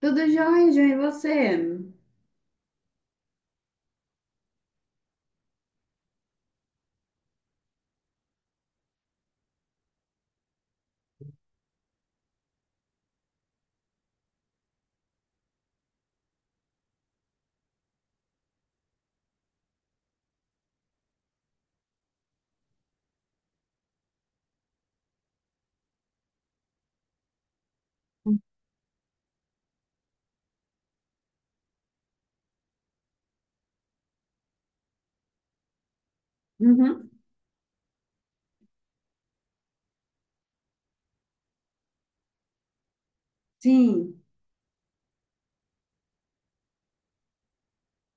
Tudo jóia, João, e você? Uhum, sim.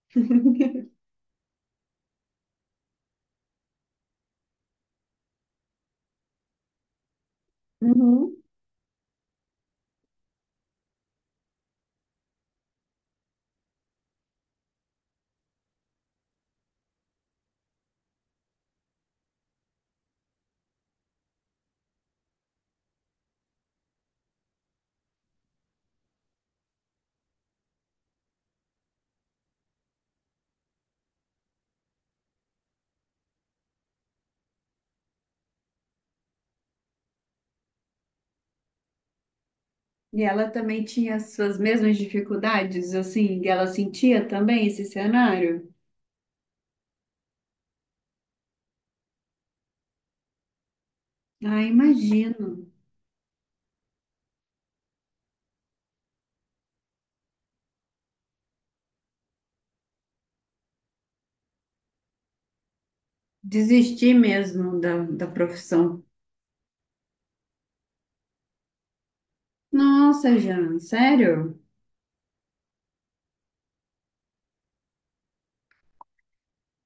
Uhum. E ela também tinha as suas mesmas dificuldades, assim, e ela sentia também esse cenário? Ah, imagino. Desistir mesmo da profissão. Nossa, Jean, sério?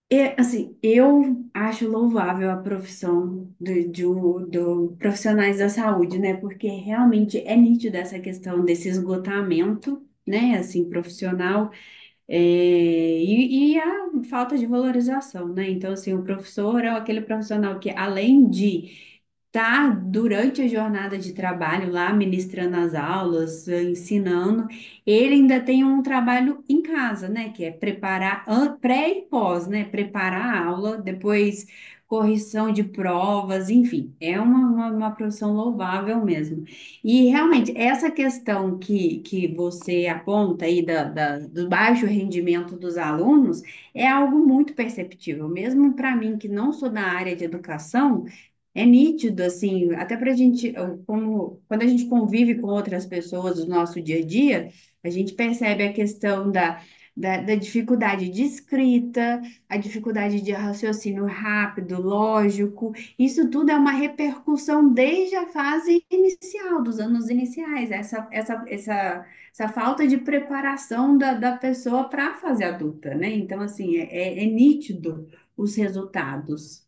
E, assim, eu acho louvável a profissão do, do profissionais da saúde, né? Porque realmente é nítida essa questão desse esgotamento, né? Assim, profissional. É, e a falta de valorização, né? Então, assim, o professor é aquele profissional que, além de tá durante a jornada de trabalho lá, ministrando as aulas, ensinando, ele ainda tem um trabalho em casa, né? Que é preparar pré e pós, né? Preparar a aula, depois correção de provas, enfim, é uma profissão louvável mesmo. E realmente, essa questão que você aponta aí da, do baixo rendimento dos alunos é algo muito perceptível, mesmo para mim, que não sou da área de educação. É nítido, assim, até para a gente, como, quando a gente convive com outras pessoas no nosso dia a dia, a gente percebe a questão da, da dificuldade de escrita, a dificuldade de raciocínio rápido, lógico. Isso tudo é uma repercussão desde a fase inicial, dos anos iniciais, essa falta de preparação da, da pessoa para a fase adulta, né? Então, assim, é nítido os resultados.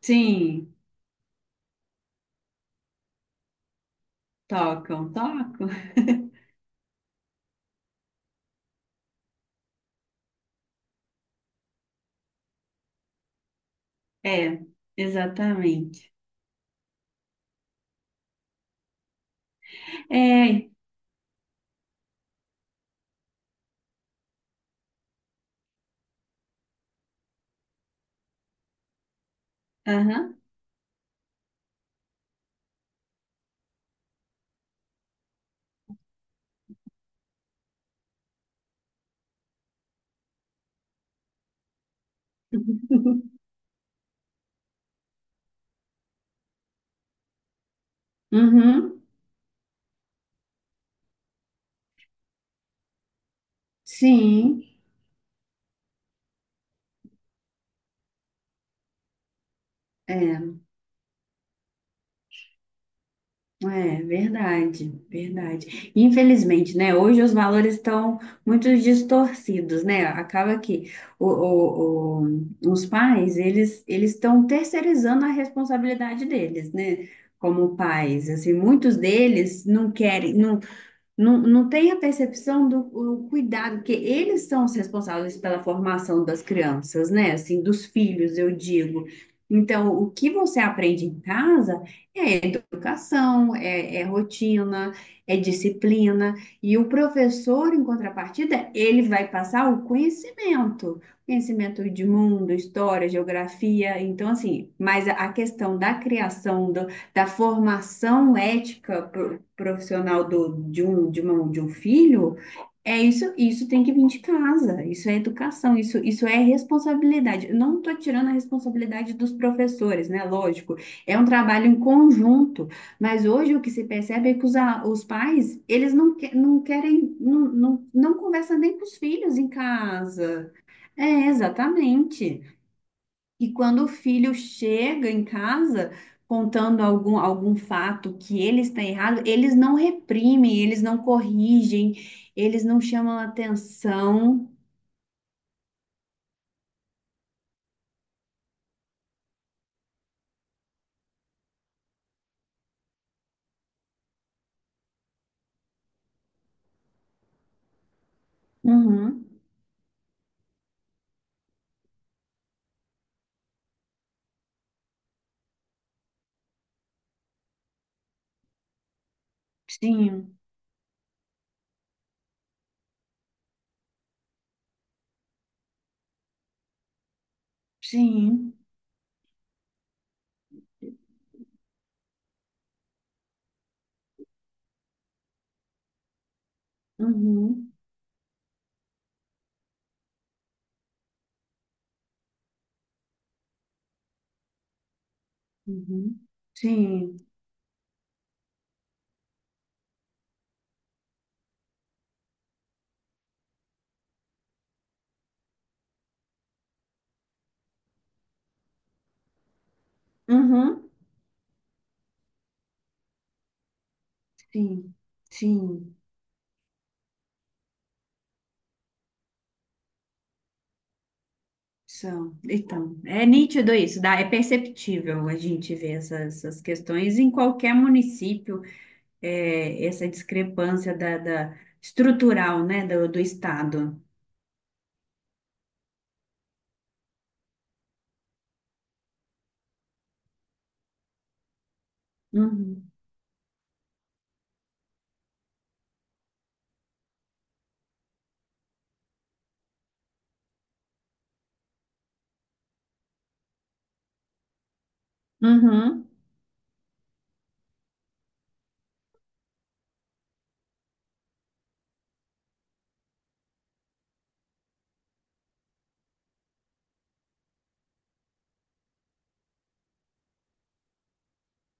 Sim. Tocam, tocam. É, exatamente. É, aham. Uhum, sim, é, é verdade, verdade. Infelizmente, né? Hoje os valores estão muito distorcidos, né? Acaba que os pais, eles estão terceirizando a responsabilidade deles, né? Como pais, assim, muitos deles não querem, não tem a percepção do o cuidado, porque eles são os responsáveis pela formação das crianças, né? Assim, dos filhos, eu digo. Então, o que você aprende em casa é educação, é rotina, é disciplina. E o professor, em contrapartida, ele vai passar o conhecimento, conhecimento de mundo, história, geografia. Então, assim, mas a questão da criação, do, da formação ética profissional do, de um filho, é isso, isso tem que vir de casa, isso é educação, isso é responsabilidade. Eu não estou tirando a responsabilidade dos professores, né? Lógico, é um trabalho em conjunto, mas hoje o que se percebe é que os pais, eles não, não querem, não conversam nem com os filhos em casa. É, exatamente. E quando o filho chega em casa contando algum fato que ele está errado, eles não reprimem, eles não corrigem, eles não chamam atenção. Uhum. Sim, sim. Uhum. Uhum. Sim. Uhum. Sim. Sim. São. Então, é nítido isso, dá, é perceptível a gente ver essas questões em qualquer município. É, essa discrepância da, estrutural, né, do, do Estado. Uhum. Uhum.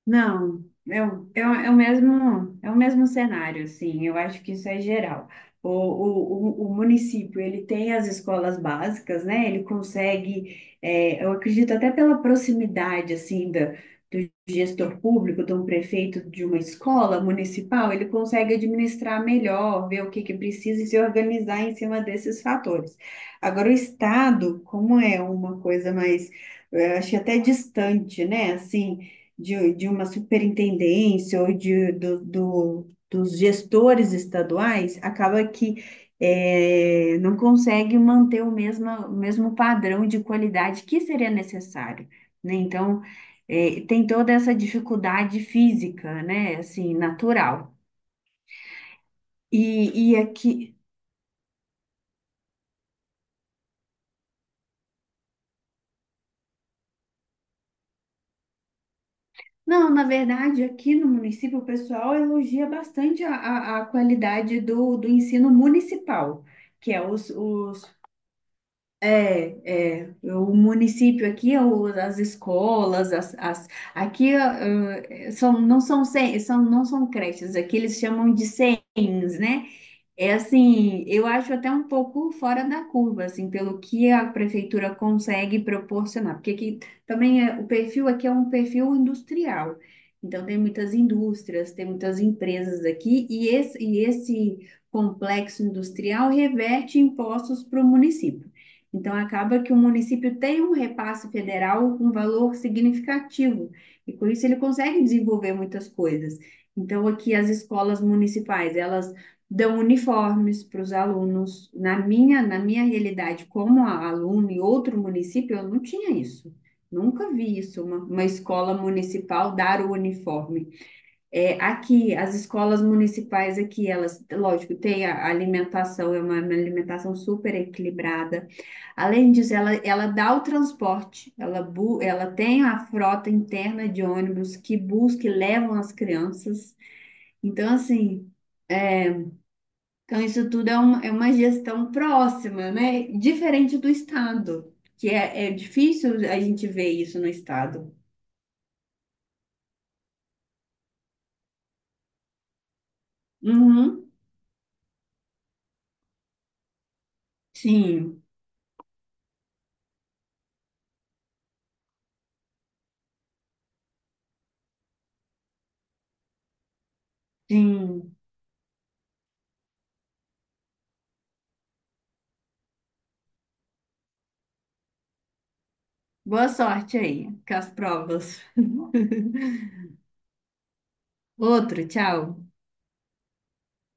Não, é é o mesmo cenário, assim, eu acho que isso é geral. O município, ele tem as escolas básicas, né, ele consegue, é, eu acredito até pela proximidade, assim, da, do gestor público, de um prefeito de uma escola municipal, ele consegue administrar melhor, ver o que que precisa e se organizar em cima desses fatores. Agora, o Estado, como é uma coisa mais, eu acho que até distante, né, assim, de uma superintendência ou de, do dos gestores estaduais, acaba que não consegue manter o mesmo padrão de qualidade que seria necessário, né? Então, tem toda essa dificuldade física, né? Assim, natural. E aqui, não, na verdade, aqui no município, o pessoal elogia bastante a qualidade do, do ensino municipal, que é os, os. É, é, o município aqui, é as escolas, as aqui ah, ah, são, são, não são creches, aqui eles chamam de CENs, né? É assim, eu acho até um pouco fora da curva, assim, pelo que a prefeitura consegue proporcionar, porque aqui também é, o perfil aqui é um perfil industrial. Então tem muitas indústrias, tem muitas empresas aqui, e esse complexo industrial reverte impostos para o município. Então acaba que o município tem um repasse federal com valor significativo, e com isso ele consegue desenvolver muitas coisas. Então, aqui as escolas municipais, elas dão uniformes para os alunos. Na minha realidade, como aluna em outro município, eu não tinha isso. Nunca vi isso, uma escola municipal dar o uniforme. É, aqui, as escolas municipais aqui, elas, lógico, tem a alimentação, é uma alimentação super equilibrada. Além disso, ela dá o transporte, ela, ela tem a frota interna de ônibus que busca e levam as crianças. Então, assim, é, então, isso tudo é, é uma gestão próxima, né? Diferente do Estado, que é, é difícil a gente ver isso no Estado. Uhum. Sim, sim. Boa sorte aí com as provas. Outro, tchau.